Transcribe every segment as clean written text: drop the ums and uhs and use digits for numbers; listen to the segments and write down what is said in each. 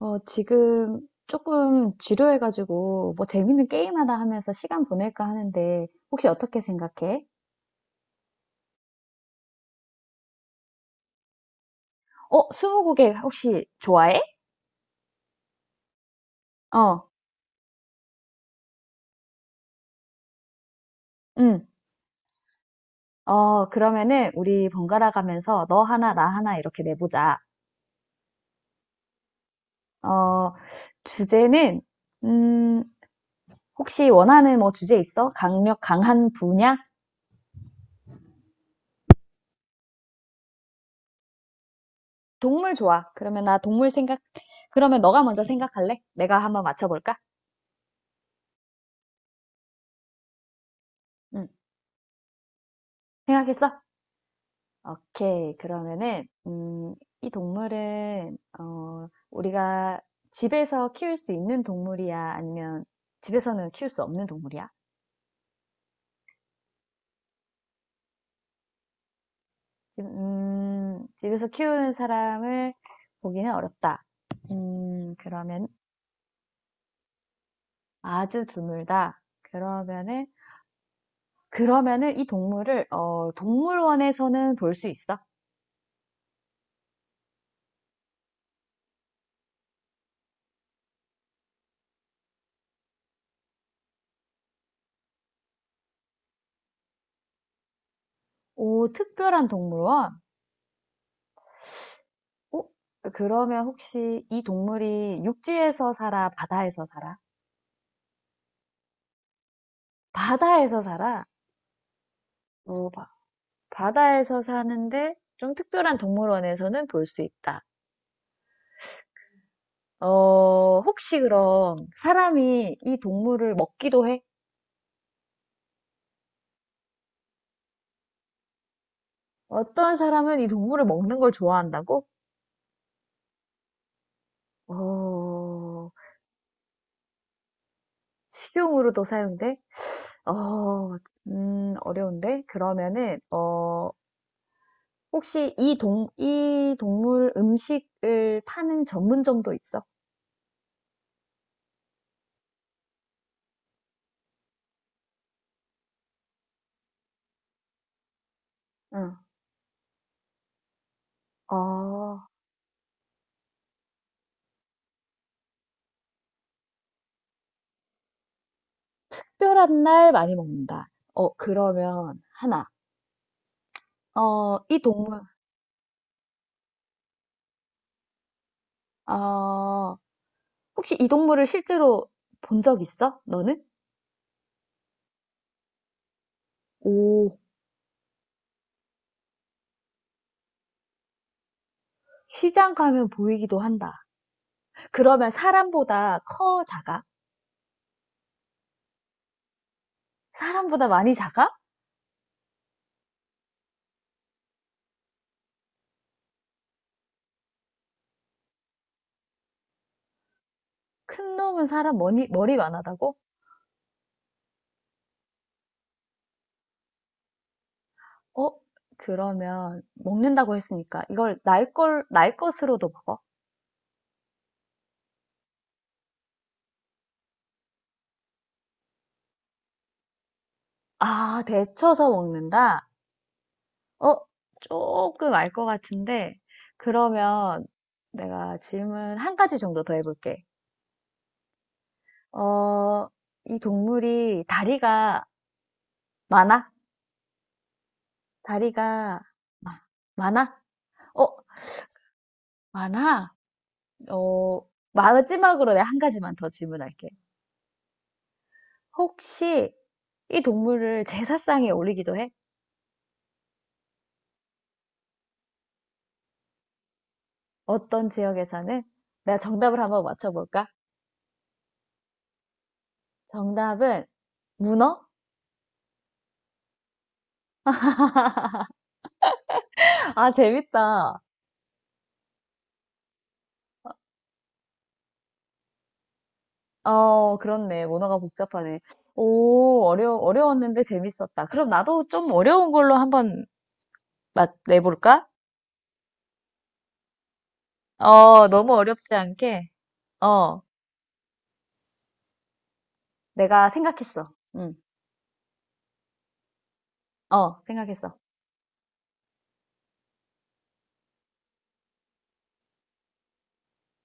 지금 조금 지루해가지고, 뭐 재밌는 게임 하나 하면서 시간 보낼까 하는데, 혹시 어떻게 생각해? 스무고개 혹시 좋아해? 어, 응. 그러면은 우리 번갈아 가면서 너 하나, 나 하나 이렇게 내보자. 어, 주제는, 음, 혹시 원하는 뭐 주제 있어? 강한 분야? 동물 좋아. 그러면 너가 먼저 생각할래? 내가 한번 맞춰볼까? 응. 생각했어? 오케이. 그러면은, 이 동물은, 우리가 집에서 키울 수 있는 동물이야? 아니면 집에서는 키울 수 없는 동물이야? 집에서 키우는 사람을 보기는 어렵다. 그러면 아주 드물다. 그러면은 이 동물을, 동물원에서는 볼 수 있어? 오, 특별한 동물원? 어? 그러면 혹시 이 동물이 육지에서 살아, 바다에서 살아? 바다에서 살아. 어, 바, 바다에서 사는데 좀 특별한 동물원에서는 볼 수 있다. 혹시 그럼 사람이 이 동물을 먹기도 해? 어떤 사람은 이 동물을 먹는 걸 좋아한다고? 어, 식용으로도 사용돼? 어, 어려운데? 그러면은, 혹시 이 동물 음식을 파는 전문점도 있어? 응. 어, 특별한 날 많이 먹는다. 그러면 하나. 어, 이 동물, 어, 혹시 이 동물을 실제로 본 적 있어? 너는? 오, 시장 가면 보이기도 한다. 그러면 사람보다 커, 작아? 사람보다 많이 작아? 큰 놈은 사람 머리 많아다고? 어, 그러면 먹는다고 했으니까 이걸 날 것으로도 먹어? 아, 데쳐서 먹는다? 어, 조금 알 것 같은데, 그러면 내가 질문 한 가지 정도 더 해볼게. 어, 이 동물이 다리가 많아? 다리가 마- 많아? 어, 많아? 어, 마지막으로 내가 한 가지만 더 질문할게. 혹시 이 동물을 제사상에 올리기도 해? 어떤 지역에서는? 내가 정답을 한번 맞춰볼까? 정답은 문어? 아, 재밌다. 그렇네. 문화가 복잡하네. 오, 어려웠는데 재밌었다. 그럼 나도 좀 어려운 걸로 한번 맛 내볼까? 너무 어렵지 않게. 어, 내가 생각했어. 응, 어, 생각했어.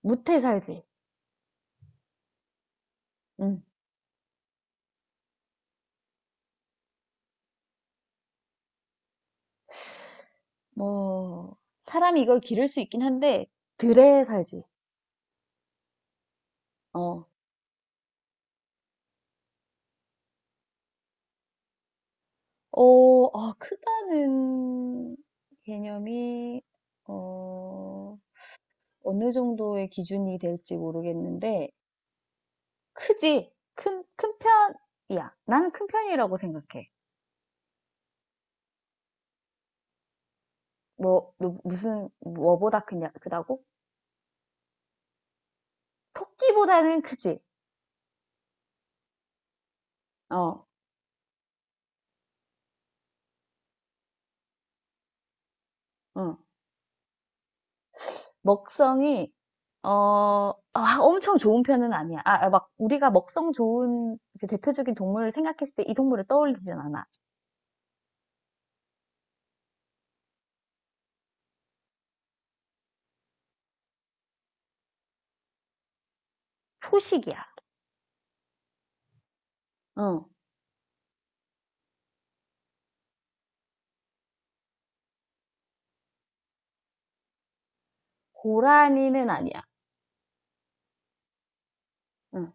무태 살지. 응, 뭐, 사람이 이걸 기를 수 있긴 한데, 들에 살지. 어, 크다는 개념이, 어, 어느 정도의 기준이 될지 모르겠는데, 크지. 큰 편이야. 나는 큰 편이라고 생각해. 뭐, 너 무슨, 뭐보다 크냐, 크다고? 토끼보다는 크지. 어, 응. 먹성이, 엄청 좋은 편은 아니야. 막, 우리가 먹성 좋은 그 대표적인 동물을 생각했을 때 이 동물을 떠올리진 않아. 초식이야. 응. 고라니는 아니야. 응.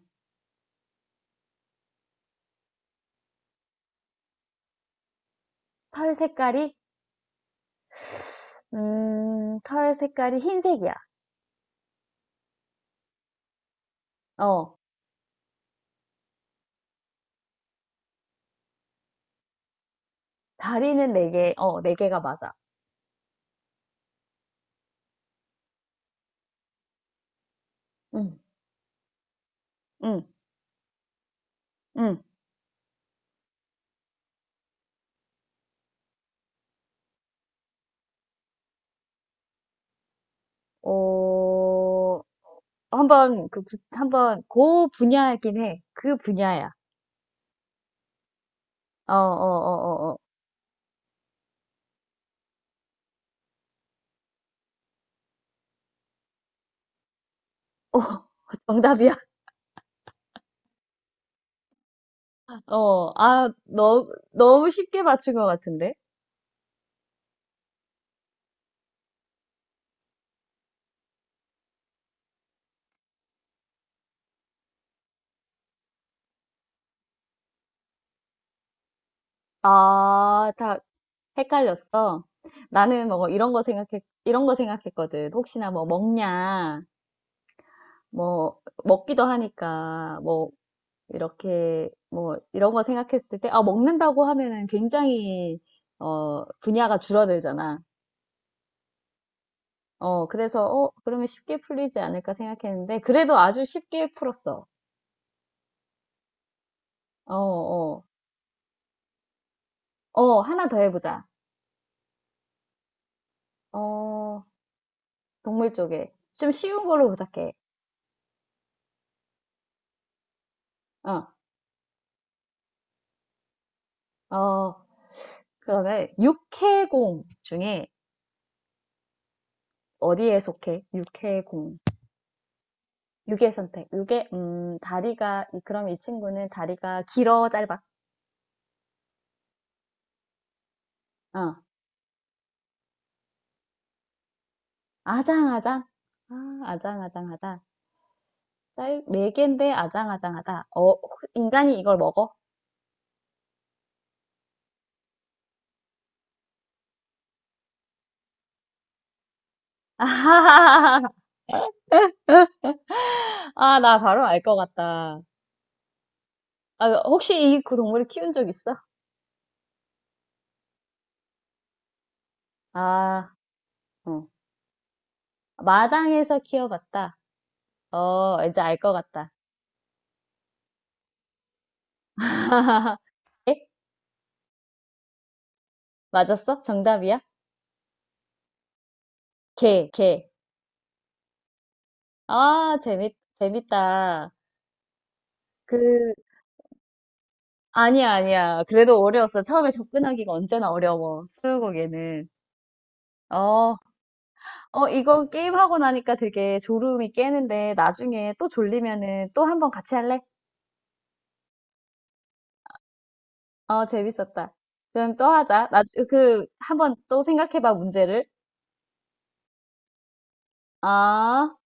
털 색깔이, 털 색깔이 흰색이야. 어. 다리는 네 개가 맞아. 응, 응, 응. 어, 한번, 그 분야이긴 해. 그 분야야. 어, 어, 어, 어, 어. 어, 정답이야. 너무 쉽게 맞춘 것 같은데? 아, 다 헷갈렸어. 나는 뭐 이런 거 생각했거든. 혹시나 뭐 먹냐, 뭐, 먹기도 하니까, 뭐, 이렇게, 뭐, 이런 거 생각했을 때, 아, 먹는다고 하면은 굉장히, 분야가 줄어들잖아. 그래서, 그러면 쉽게 풀리지 않을까 생각했는데, 그래도 아주 쉽게 풀었어. 어, 어, 하나 더 해보자. 어, 동물 쪽에. 좀 쉬운 걸로 부탁해. 어, 어, 그러면, 육해공 중에 어디에 속해? 육해공. 육의 선택. 그럼 이 친구는 다리가 길어, 짧아? 어, 아장아장? 아, 아장아장하다. 네 개인데 아장아장하다. 인간이 이걸 먹어? 아하하하. 아, 나 바로 알 것 같다. 아, 혹시 이 그 동물을 키운 적 있어? 아, 어. 마당에서 키워봤다. 이제 알 것 같다. 에? 맞았어? 정답이야? 개, 개. 아, 재밌다. 그, 아니야, 아니야. 그래도 어려웠어. 처음에 접근하기가 언제나 어려워. 스무고개는. 어, 이거 게임하고 나니까 되게 졸음이 깨는데 나중에 또 졸리면은 또 한 번 같이 할래? 재밌었다. 그럼 또 하자. 한번 또 생각해봐, 문제를. 아.